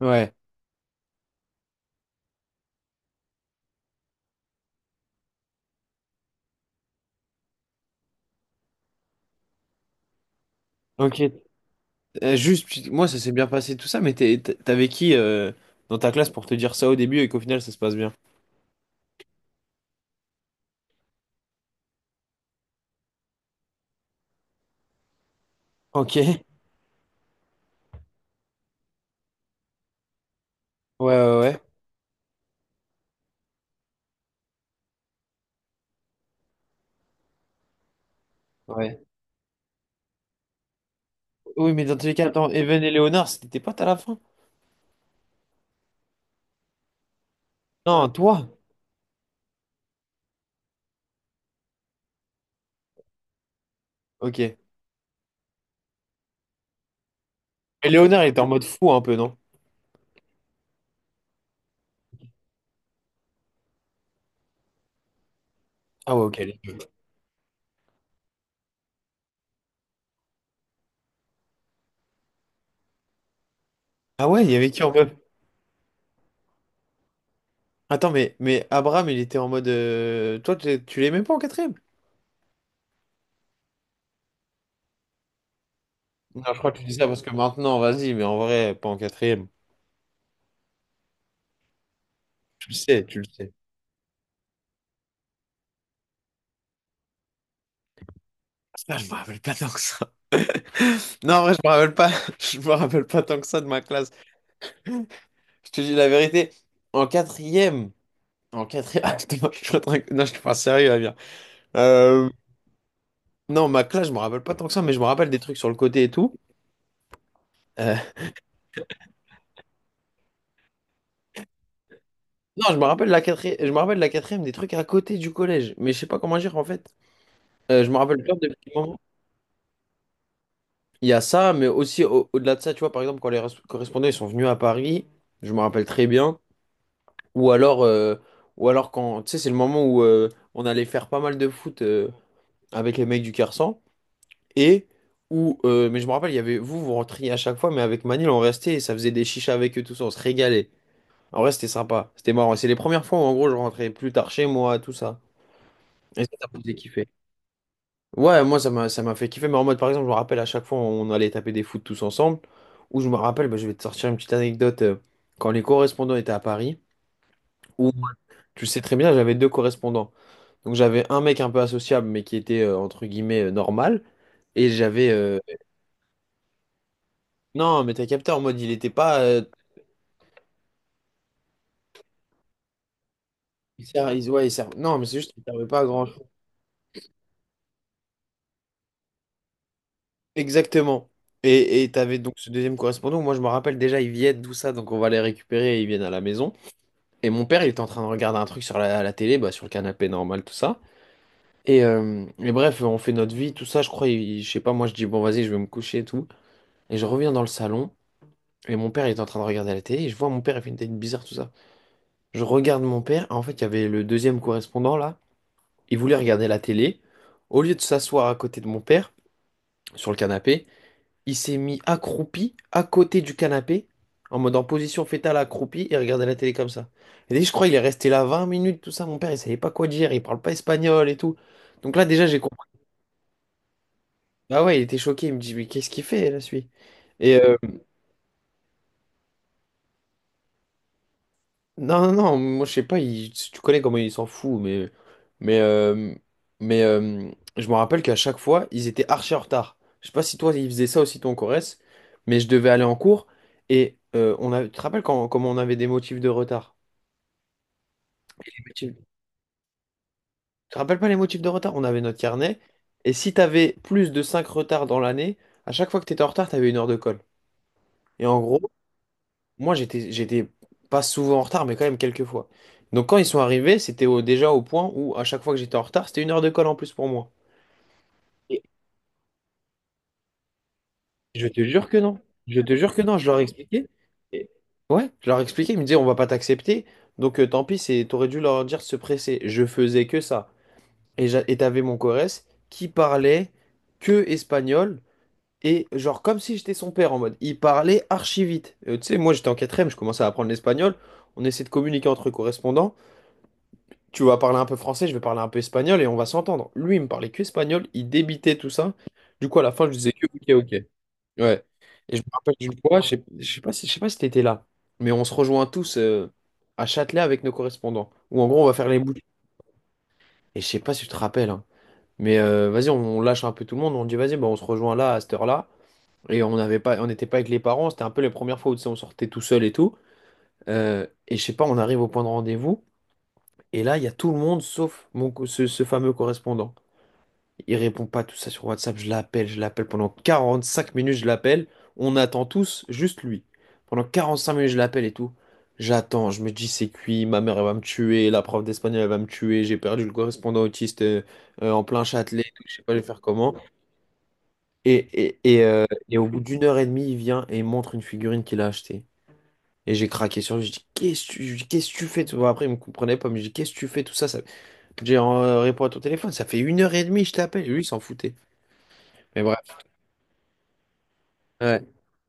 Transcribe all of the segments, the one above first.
Ouais, ok. Juste, moi, ça s'est bien passé tout ça, mais t'avais qui dans ta classe pour te dire ça au début et qu'au final, ça se passe bien? Ok. Ouais, ouais, ouais. Ouais. Oui, mais dans tous les cas, attends, Evan et Léonard, c'était tes potes à la fin? Non, toi? Ok. Et Léonard, il était en mode fou un peu, non? Ah ouais, ok. Les deux. Ah ouais, il y avait qui en mode. Attends, mais Abraham, il était en mode. Toi, tu l'aimais pas en quatrième? Non, je crois que tu dis ça parce que maintenant, vas-y, mais en vrai, pas en quatrième. Tu le sais, tu le sais. Ah, je me rappelle pas tant que ça. Non, en vrai, je me rappelle pas. Je me rappelle pas tant que ça de ma classe. Je te dis la vérité. En quatrième. En quatrième. Ah, putain, je suis en train de- Non, je suis pas sérieux, Amir. Euh, non, ma classe, je me rappelle pas tant que ça, mais je me rappelle des trucs sur le côté et tout. Euh, Non, je me rappelle la quatrième. Je me rappelle la quatrième des trucs à côté du collège. Mais je sais pas comment dire en fait. Je me rappelle plein de petits moments. Il y a ça, mais aussi au- delà de ça, tu vois, par exemple, quand les correspondants ils sont venus à Paris, je me rappelle très bien. Ou alors, euh, ou alors quand, tu sais, c'est le moment où on allait faire pas mal de foot avec les mecs du Kersan. Et où, mais je me rappelle, il y avait vous, vous rentriez à chaque fois, mais avec Manil, on restait et ça faisait des chichas avec eux, tout ça, on se régalait. En vrai, c'était sympa, c'était marrant. C'est les premières fois où, en gros, je rentrais plus tard chez moi, tout ça. Et ça, ça me faisait kiffer. Ouais, moi, ça m'a fait kiffer, mais en mode, par exemple, je me rappelle à chaque fois, on allait taper des foot tous ensemble. Où je me rappelle, bah, je vais te sortir une petite anecdote, quand les correspondants étaient à Paris. Ou- Tu sais très bien, j'avais deux correspondants. Donc j'avais un mec un peu associable, mais qui était entre guillemets normal. Et j'avais. Non, mais t'as capté en mode, il était pas. Il sert- il- ouais, il sert- Non, mais c'est juste qu'il servait pas à grand-chose. Exactement. Et t'avais donc ce deuxième correspondant. Moi, je me rappelle déjà, ils viennent, tout ça, donc on va les récupérer et ils viennent à la maison. Et mon père, il était en train de regarder un truc sur la télé, bah, sur le canapé normal, tout ça. Et bref, on fait notre vie, tout ça. Je crois, je sais pas, moi, je dis, bon, vas-y, je vais me coucher et tout. Et je reviens dans le salon. Et mon père, il était en train de regarder la télé, et je vois mon père, il fait une tête bizarre, tout ça. Je regarde mon père, en fait, il y avait le deuxième correspondant, là, il voulait regarder la télé. Au lieu de s'asseoir à côté de mon père, sur le canapé, il s'est mis accroupi, à côté du canapé, en mode en position fétale accroupi, et regardait la télé comme ça. Et que je crois qu'il est resté là 20 minutes, tout ça, mon père, il savait pas quoi dire, il parle pas espagnol et tout. Donc là, déjà, j'ai compris. Ah ouais, il était choqué, il me dit, mais qu'est-ce qu'il fait, là, celui? Et euh, Non, non, non, moi je sais pas, tu connais comment ils s'en foutent, mais, mais, euh, mais euh, je me rappelle qu'à chaque fois, ils étaient archi en retard. Je sais pas si toi, ils faisaient ça aussi, toi, en Corrèze, mais je devais aller en cours et tu te rappelles quand, comment on avait des motifs de retard? Les motifs- Tu te rappelles pas les motifs de retard? On avait notre carnet et si t'avais plus de 5 retards dans l'année, à chaque fois que t'étais en retard, t'avais une heure de colle. Et en gros, moi, j'étais pas souvent en retard, mais quand même quelques fois. Donc, quand ils sont arrivés, c'était déjà au point où, à chaque fois que j'étais en retard, c'était une heure de colle en plus pour moi. Et je te jure que non. Je te jure que non. Je leur ai expliqué. Et- Ouais, je leur ai expliqué. Ils me disaient, on va pas t'accepter. Donc, tant pis, t'aurais dû leur dire de se presser. Je faisais que ça. Et t'avais mon Corrèze qui parlait que espagnol. Et genre, comme si j'étais son père en mode. Il parlait archi vite. Tu sais, moi, j'étais en quatrième, je commençais à apprendre l'espagnol. On essayait de communiquer entre correspondants. Tu vas parler un peu français, je vais parler un peu espagnol et on va s'entendre. Lui, il me parlait que espagnol, il débitait tout ça. Du coup, à la fin, je disais que ok, ok. Ouais. Et je me rappelle d'une fois, je sais pas si t'étais là, mais on se rejoint tous à Châtelet avec nos correspondants. Où en gros, on va faire les bouches. Et je sais pas si tu te rappelles, hein, mais vas-y, on lâche un peu tout le monde. On dit vas-y, bah, on se rejoint là à cette heure-là. Et on n'était pas avec les parents. C'était un peu les premières fois où tu sais, on sortait tout seul et tout. Et je sais pas, on arrive au point de rendez-vous. Et là, il y a tout le monde sauf ce fameux correspondant. Il répond pas tout ça sur WhatsApp. Je l'appelle pendant 45 minutes, je l'appelle. On attend tous, juste lui. Pendant 45 minutes, je l'appelle et tout. J'attends, je me dis c'est cuit, ma mère elle va me tuer, la prof d'espagnol elle va me tuer, j'ai perdu le correspondant autiste en plein Châtelet, et tout, je sais pas je vais faire comment. Et au bout d'une heure et demie, il vient et il montre une figurine qu'il a achetée. Et j'ai craqué sur lui, je dis, qu'est-ce que tu fais? Tout ça. Après, il me comprenait pas, mais je dis qu'est-ce que tu fais tout ça, ça. J'ai répondu à ton téléphone, ça fait une heure et demie, je t'appelle. Et lui, il s'en foutait. Mais bref. Ouais,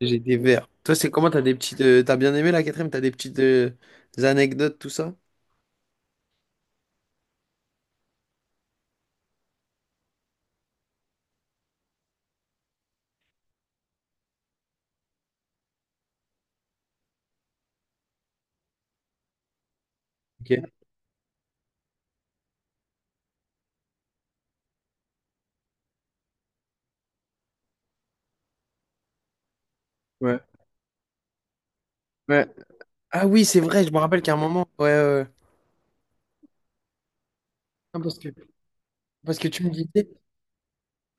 j'ai des verres. Toi, c'est comment? T'as des petites. T'as bien aimé la quatrième? T'as des petites des anecdotes, tout ça? Ok. Ouais. Ouais. Ah oui, c'est vrai, je me rappelle qu'à un moment. Ouais, ouais. Ouais. Ah, parce que tu me disais.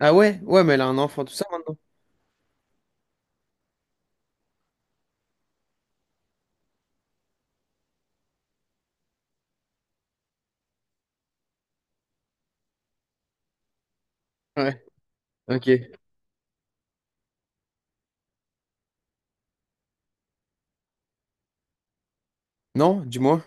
Ah ouais? Ouais, mais elle a un enfant, tout ça maintenant. Ouais. Ok. Non, dis-moi.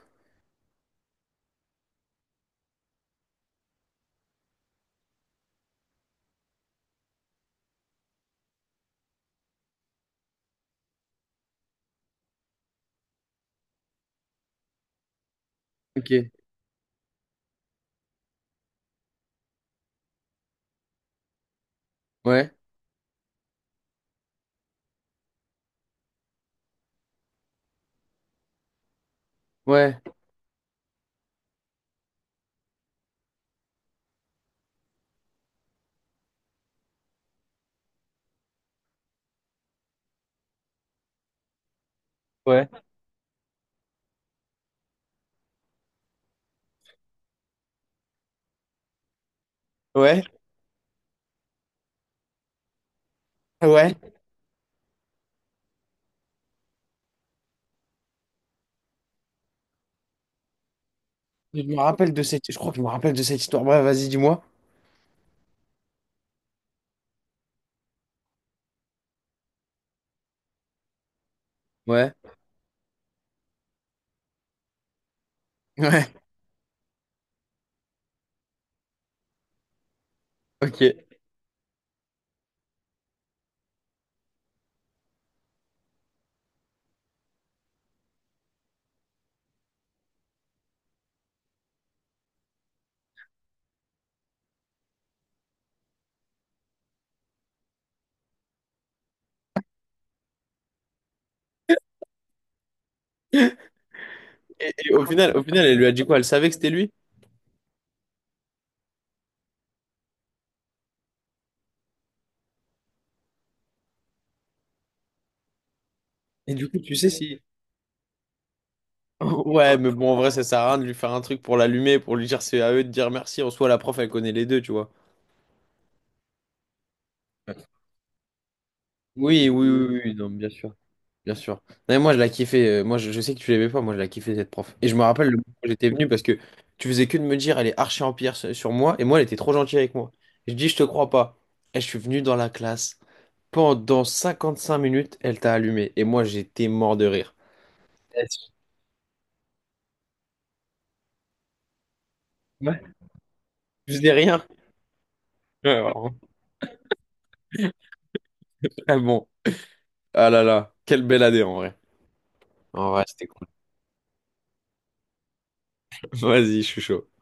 Ok. Ouais. Ouais. Ouais. Ouais. Ouais. Je me rappelle de cette. Je crois que je me rappelle de cette histoire. Bref, vas-y, dis-moi. Ouais. Ouais. Ok. Et au final, elle lui a dit quoi? Elle savait que c'était lui? Et du coup, tu sais si. Ouais, mais bon, en vrai, ça sert à rien de lui faire un truc pour l'allumer, pour lui dire c'est à eux de dire merci. En soi, la prof, elle connaît les deux, tu vois. Oui, oui, oui, oui, oui, non, bien sûr. Bien sûr. Non, mais moi, je la kiffais. Moi, je sais que tu l'aimais pas. Moi, je la kiffais, cette prof. Et je me rappelle le moment où j'étais venu parce que tu faisais que de me dire, elle est archi en pierre sur moi. Et moi, elle était trop gentille avec moi. Je dis, je te crois pas. Et je suis venu dans la classe. Pendant 55 minutes, elle t'a allumé. Et moi, j'étais mort de rire. Ouais. Je faisais rien. Ouais, vraiment. Ah bon. Ah là là. Quelle belle année, en vrai. En vrai, c'était cool. Vas-y, je suis chaud.